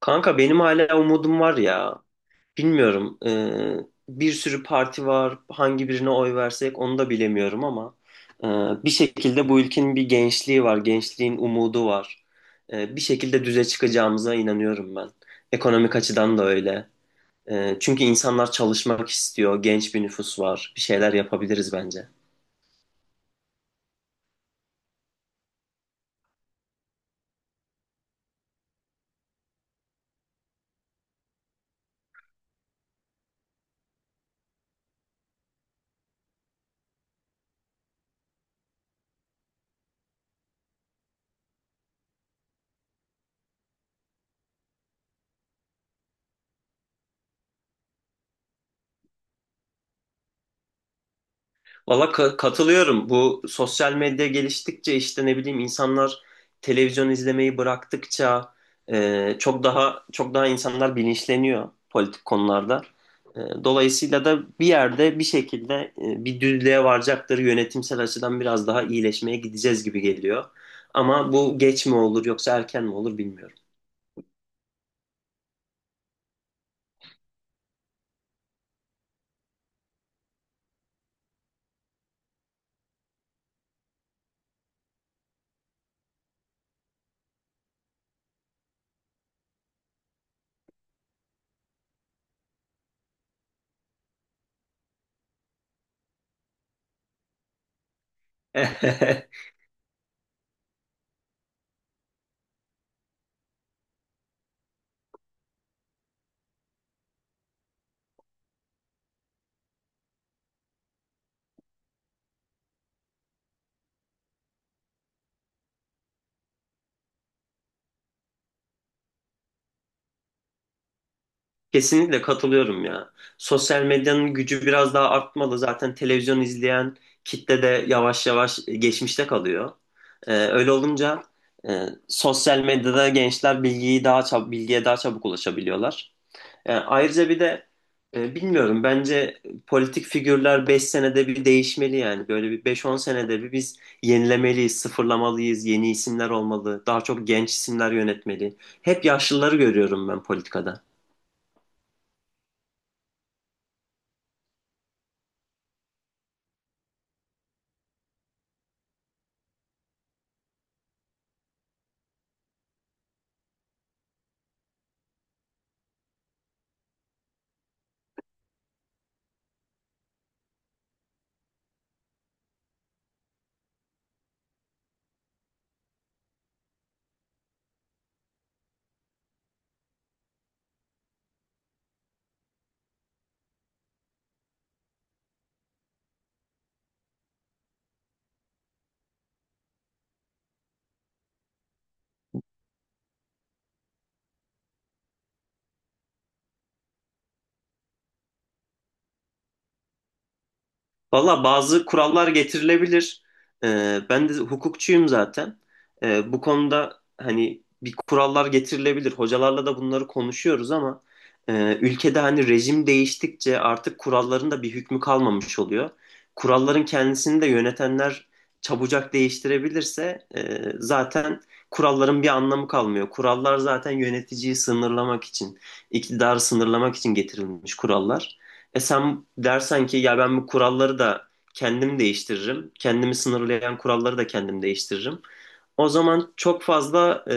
Kanka benim hala umudum var ya. Bilmiyorum. Bir sürü parti var. Hangi birine oy versek onu da bilemiyorum ama eee, bir şekilde bu ülkenin bir gençliği var. Gençliğin umudu var. Bir şekilde düze çıkacağımıza inanıyorum ben. Ekonomik açıdan da öyle. Çünkü insanlar çalışmak istiyor. Genç bir nüfus var. Bir şeyler yapabiliriz bence. Valla katılıyorum. Bu sosyal medya geliştikçe işte ne bileyim insanlar televizyon izlemeyi bıraktıkça çok daha insanlar bilinçleniyor politik konularda. Dolayısıyla da bir yerde bir şekilde bir düzlüğe varacaktır. Yönetimsel açıdan biraz daha iyileşmeye gideceğiz gibi geliyor. Ama bu geç mi olur yoksa erken mi olur bilmiyorum. Kesinlikle katılıyorum ya. Sosyal medyanın gücü biraz daha artmalı. Zaten televizyon izleyen kitle de yavaş yavaş geçmişte kalıyor. Öyle olunca sosyal medyada gençler bilgiyi daha çab bilgiye daha çabuk ulaşabiliyorlar. Ayrıca bir de bilmiyorum bence politik figürler 5 senede bir değişmeli yani. Böyle bir beş-on senede bir biz yenilemeliyiz, sıfırlamalıyız, yeni isimler olmalı, daha çok genç isimler yönetmeli. Hep yaşlıları görüyorum ben politikada. Valla bazı kurallar getirilebilir. Ben de hukukçuyum zaten. Bu konuda hani bir kurallar getirilebilir. Hocalarla da bunları konuşuyoruz ama ülkede hani rejim değiştikçe artık kuralların da bir hükmü kalmamış oluyor. Kuralların kendisini de yönetenler çabucak değiştirebilirse zaten kuralların bir anlamı kalmıyor. Kurallar zaten yöneticiyi sınırlamak için, iktidarı sınırlamak için getirilmiş kurallar. E sen dersen ki ya ben bu kuralları da kendim değiştiririm. Kendimi sınırlayan kuralları da kendim değiştiririm. O zaman çok fazla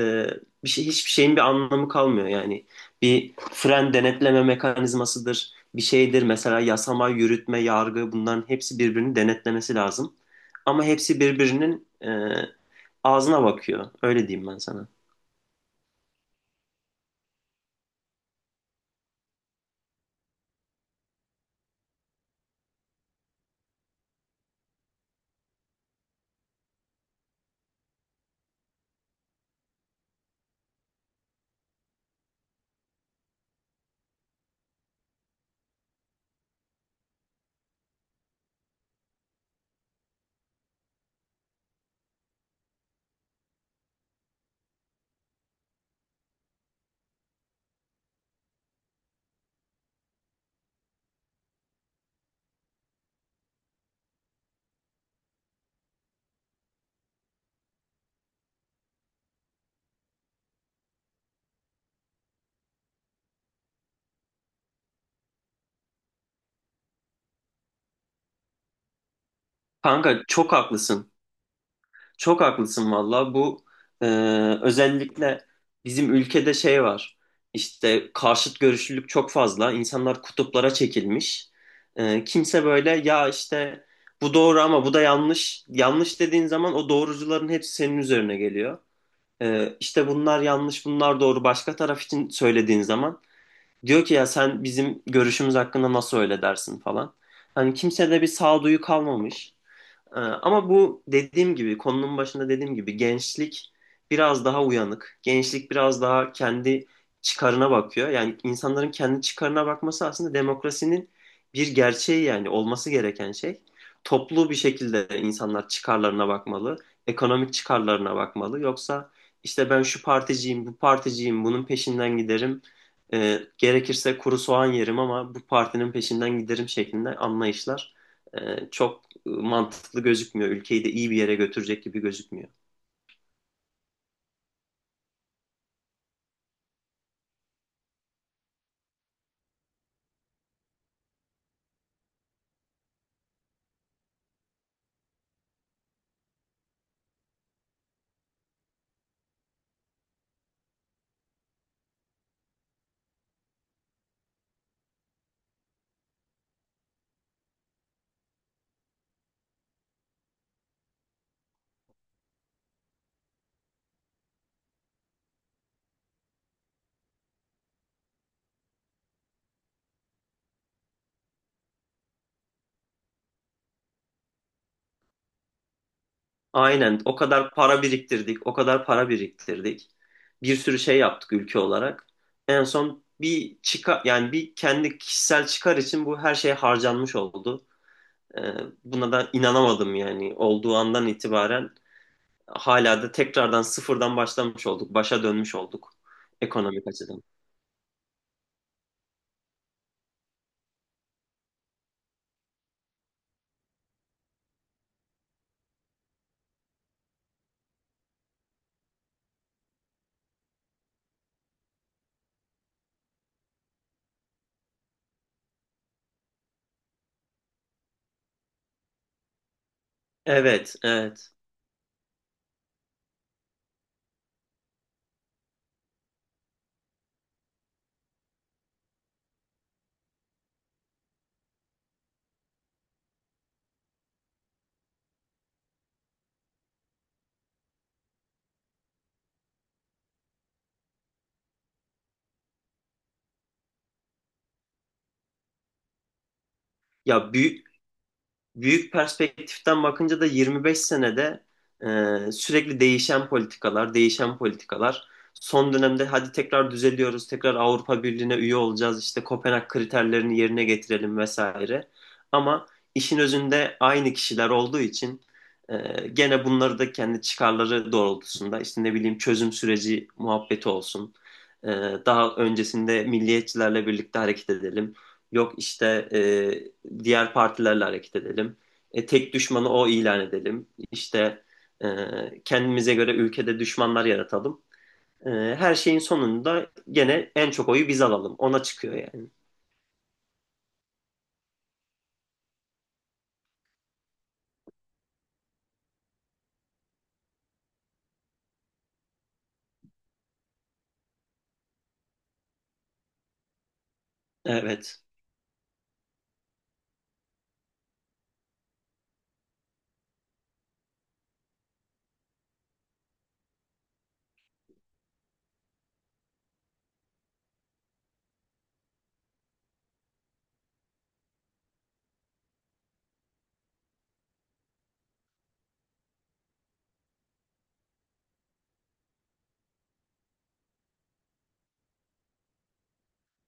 bir şey hiçbir şeyin bir anlamı kalmıyor. Yani bir fren denetleme mekanizmasıdır, bir şeydir. Mesela yasama, yürütme, yargı bunların hepsi birbirini denetlemesi lazım. Ama hepsi birbirinin ağzına bakıyor. Öyle diyeyim ben sana. Kanka çok haklısın. Çok haklısın valla. Bu e, özellikle bizim ülkede şey var. İşte karşıt görüşlülük çok fazla. İnsanlar kutuplara çekilmiş. E, kimse böyle ya işte bu doğru ama bu da yanlış. Yanlış dediğin zaman o doğrucuların hepsi senin üzerine geliyor. E, işte bunlar yanlış, bunlar doğru. Başka taraf için söylediğin zaman diyor ki ya sen bizim görüşümüz hakkında nasıl öyle dersin falan. Hani kimsede bir sağduyu kalmamış. Ama bu dediğim gibi konunun başında dediğim gibi gençlik biraz daha uyanık. Gençlik biraz daha kendi çıkarına bakıyor. Yani insanların kendi çıkarına bakması aslında demokrasinin bir gerçeği yani olması gereken şey. Toplu bir şekilde insanlar çıkarlarına bakmalı, ekonomik çıkarlarına bakmalı. Yoksa işte ben şu particiyim, bu particiyim, bunun peşinden giderim. Gerekirse kuru soğan yerim ama bu partinin peşinden giderim şeklinde anlayışlar çok mantıklı gözükmüyor. Ülkeyi de iyi bir yere götürecek gibi gözükmüyor. Aynen, o kadar para biriktirdik, o kadar para biriktirdik. Bir sürü şey yaptık ülke olarak. En son bir çıkar yani bir kendi kişisel çıkar için bu her şey harcanmış oldu. Ee, Buna da inanamadım yani olduğu andan itibaren hala da tekrardan sıfırdan başlamış olduk. Başa dönmüş olduk ekonomik açıdan. Evet, evet. Ya büyük büyük perspektiften bakınca da 25 senede sürekli değişen politikalar, değişen politikalar. Son dönemde hadi tekrar düzeliyoruz, tekrar Avrupa Birliği'ne üye olacağız, işte Kopenhag kriterlerini yerine getirelim vesaire. Ama işin özünde aynı kişiler olduğu için gene bunları da kendi çıkarları doğrultusunda, işte ne bileyim çözüm süreci muhabbeti olsun. E, Daha öncesinde milliyetçilerle birlikte hareket edelim. Yok işte diğer partilerle hareket edelim. Tek düşmanı o ilan edelim. İşte kendimize göre ülkede düşmanlar yaratalım. Her şeyin sonunda gene en çok oyu biz alalım. Ona çıkıyor yani. Evet.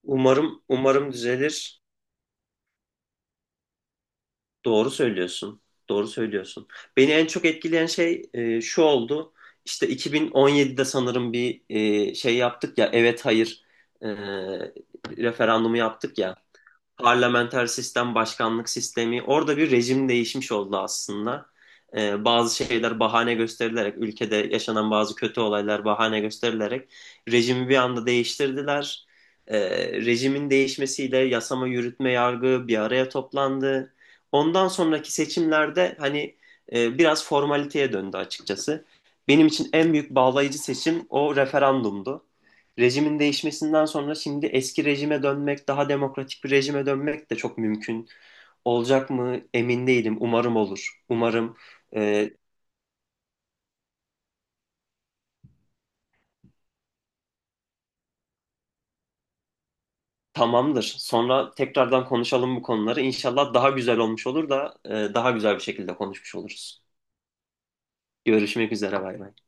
Umarım umarım düzelir. Doğru söylüyorsun. Doğru söylüyorsun. Beni en çok etkileyen şey şu oldu. İşte 2017'de sanırım bir şey yaptık ya. Evet, hayır, e, referandumu yaptık ya. Parlamenter sistem, başkanlık sistemi. Orada bir rejim değişmiş oldu aslında. Bazı şeyler bahane gösterilerek, ülkede yaşanan bazı kötü olaylar bahane gösterilerek rejimi bir anda değiştirdiler. Ee, Rejimin değişmesiyle yasama, yürütme, yargı bir araya toplandı. Ondan sonraki seçimlerde hani biraz formaliteye döndü açıkçası. Benim için en büyük bağlayıcı seçim o referandumdu. Rejimin değişmesinden sonra şimdi eski rejime dönmek, daha demokratik bir rejime dönmek de çok mümkün olacak mı emin değilim. Umarım olur. Umarım. e, Tamamdır. Sonra tekrardan konuşalım bu konuları. İnşallah daha güzel olmuş olur da daha güzel bir şekilde konuşmuş oluruz. Görüşmek üzere, bay bay.